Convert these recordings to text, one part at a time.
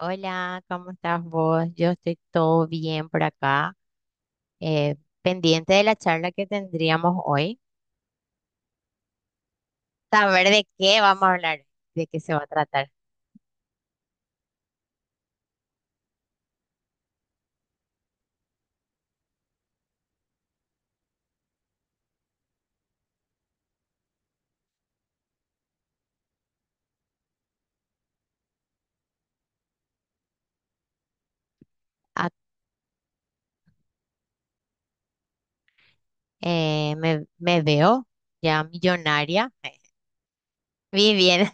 Hola, ¿cómo estás vos? Yo estoy todo bien por acá, eh, pendiente de la charla que tendríamos hoy, saber de qué vamos a hablar, de qué se va a tratar. Ah, Me veo ya millonaria, viviendo,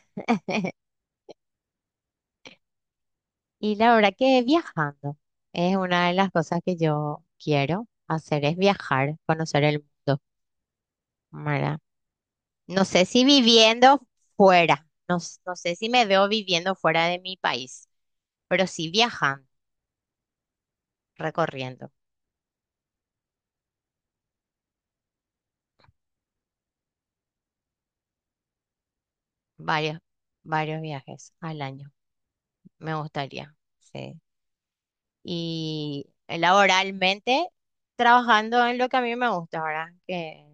y la verdad que viajando es una de las cosas que yo quiero hacer, es viajar, conocer el mundo, ¿verdad? No sé si viviendo fuera, no sé si me veo viviendo fuera de mi país, pero sí viajando. Recorriendo varios, varios viajes al año. Me gustaría, sí. Y laboralmente, trabajando en lo que a mí me gusta, ¿verdad? Que,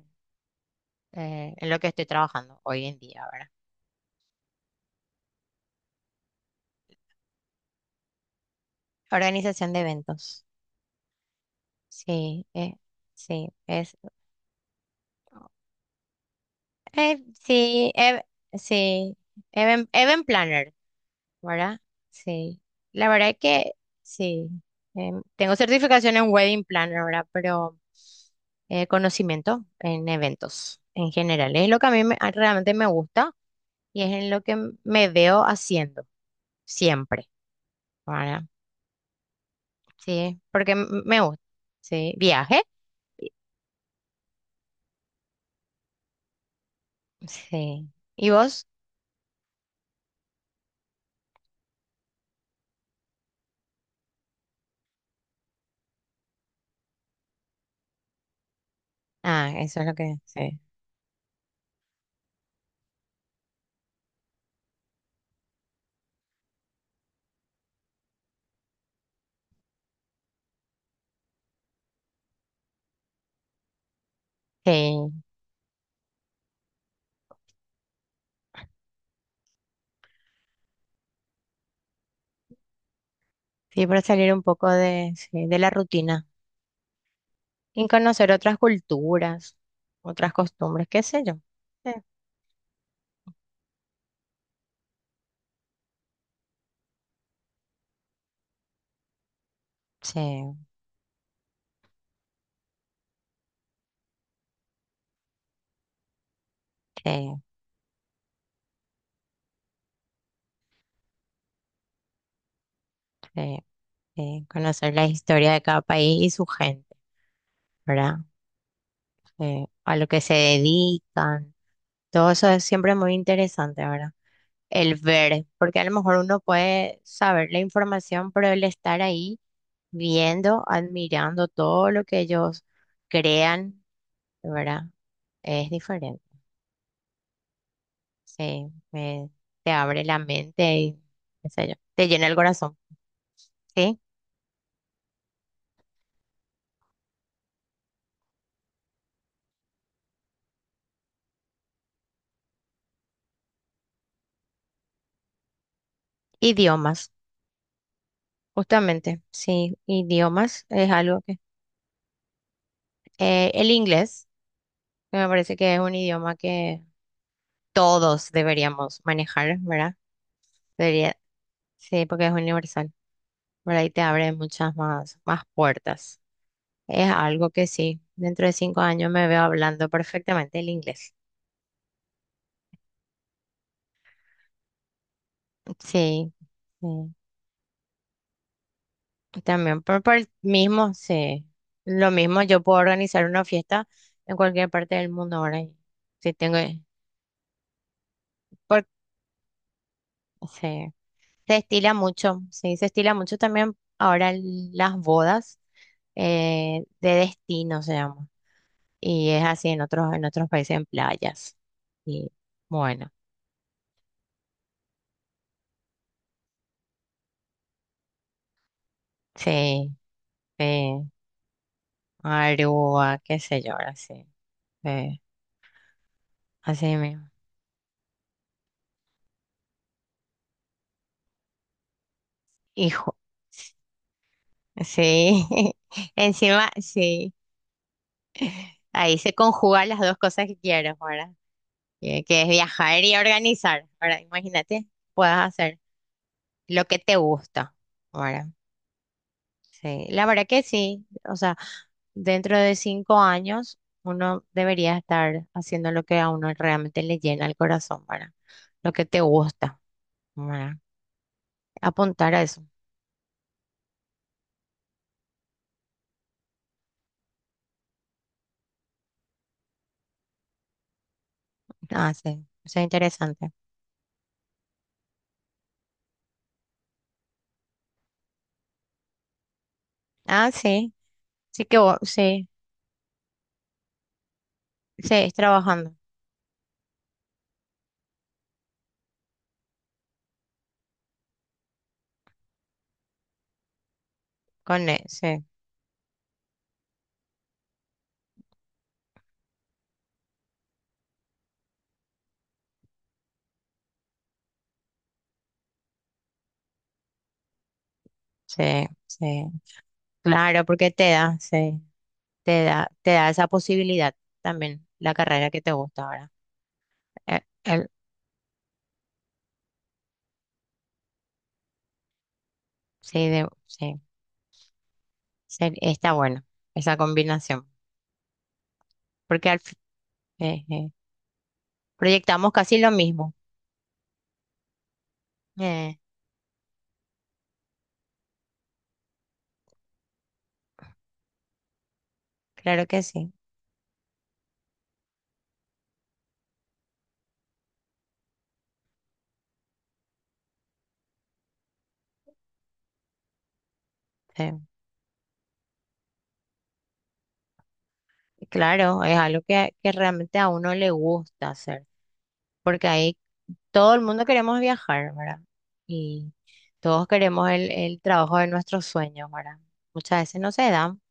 eh, En lo que estoy trabajando hoy en día, ¿verdad? Organización de eventos. Sí, sí, es, sí, ev- sí, Event, event planner. ¿Verdad? Sí. La verdad es que sí. Tengo certificación en Wedding Planner, ¿verdad? Pero conocimiento en eventos en general. Es lo que a mí me- a- realmente me gusta y es en lo que me veo haciendo siempre, ¿verdad? Sí, porque me gusta. Sí. Viaje. Sí. ¿Y vos? Ah, eso es lo que... Sí. Sí. Sí, para salir un poco de la rutina. Y conocer otras culturas, otras costumbres, qué sé yo. Sí, sí, sí, sí, sí. Conocer la historia de cada país y su gente, ¿verdad? Sí, a lo que se dedican. Todo eso es siempre muy interesante, ¿verdad? El ver, porque a lo mejor uno puede saber la información, pero el estar ahí viendo, admirando todo lo que ellos crean, ¿verdad? Es diferente. Sí, eh, te abre la mente y qué sé yo, te llena el corazón. Sí, idiomas, justamente, sí, idiomas es algo que... El inglés, que me parece que es un idioma que todos deberíamos manejar, ¿verdad? Debería, sí, porque es universal, ¿verdad? Y te abre muchas más puertas. Es algo que sí, dentro de 5 años me veo hablando perfectamente el inglés. Sí, sí. También por el mismo, sí. Lo mismo, yo puedo organizar una fiesta en cualquier parte del mundo ahora. Y si tengo... por- Sí. Se estila mucho, sí, se estila mucho también ahora en las bodas de destino se llama. Y es así en en otros países, en playas. Y bueno, sí, eh, Aruba, qué sé yo, ahora sí. Eh, así mismo. Hijo, sí, encima, sí, ahí se conjugan las dos cosas que quiero, ¿verdad? Que es viajar y organizar. Ahora, imagínate, puedas hacer lo que te gusta, ¿verdad? Sí, la verdad que sí. O sea, dentro de 5 años uno debería estar haciendo lo que a uno realmente le llena el corazón, ¿verdad? Lo que te gusta, ¿verdad? Apuntar a eso. Ah, sí. Eso es interesante. Ah, sí. Sí que vos, sí, sí, es trabajando con él. Sí, sí, sí. Claro, porque te da, sí, te da esa posibilidad también, la carrera que te gusta, ¿verdad? Eh, el- sí, de- sí, sí, está bueno esa combinación. porque al fi- eh, eh, Proyectamos casi lo mismo. Eh, claro que sí. eh, claro, es algo que realmente a uno le gusta hacer, porque ahí todo el mundo queremos viajar, ¿verdad? Y todos queremos el trabajo de nuestros sueños, ¿verdad? Muchas veces no se dan,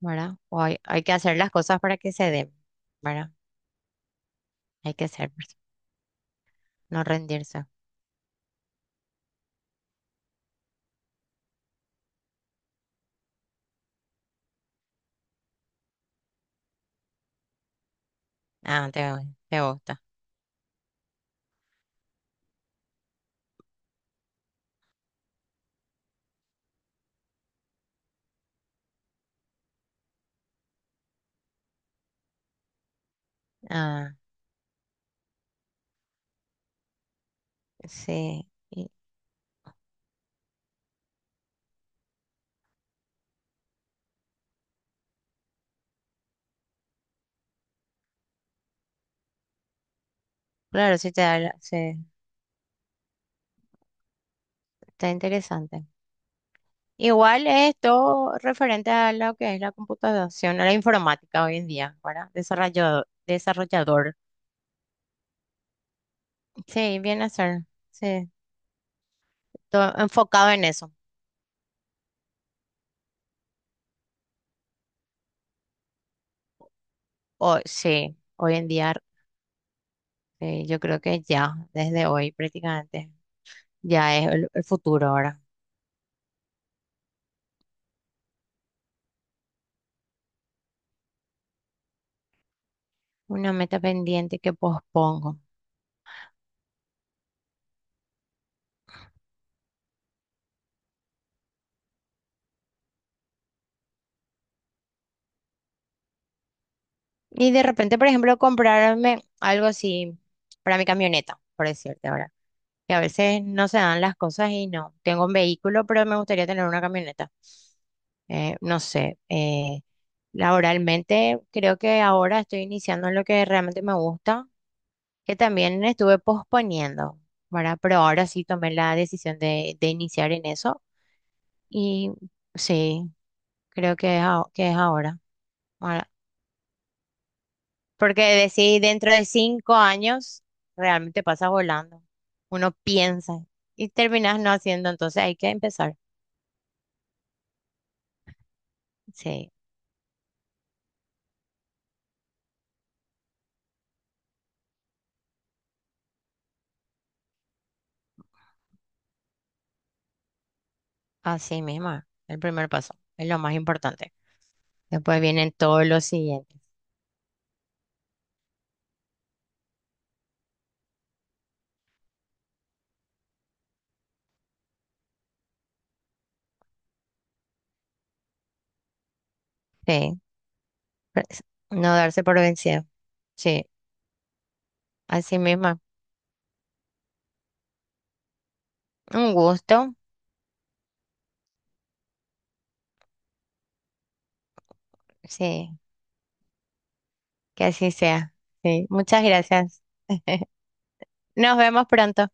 ¿verdad? O hay que hacer las cosas para que se den, ¿verdad? Hay que ser, pers- No rendirse. Ah, te gusta. Ah, sí. Claro, sí te da, sí, está interesante. Igual es todo referente a lo que es la computación, a la informática hoy en día, ¿verdad? Desarrollador, desarrollador. Sí, viene a ser, sí, todo enfocado en eso. O, sí, hoy en día, yo creo que ya, desde hoy prácticamente, ya es el futuro ahora. Una meta pendiente que pospongo. Y de repente, por ejemplo, comprarme algo así para mi camioneta, por decirte ahora. Que a veces no se dan las cosas y no. Tengo un vehículo, pero me gustaría tener una camioneta. No sé, Laboralmente creo que ahora estoy iniciando en lo que realmente me gusta, que también estuve posponiendo, ¿verdad? Pero ahora sí tomé la decisión de iniciar en eso. Y sí, creo que es, que es ahora. Porque decís, dentro de 5 años realmente pasa volando. Uno piensa y terminas no haciendo, entonces hay que empezar. Sí, así mismo. El primer paso es lo más importante. Después vienen todos los siguientes. Sí, pues, no darse por vencido. Sí, así mismo. Un gusto. Sí, que así sea. Sí, muchas gracias. Nos vemos pronto.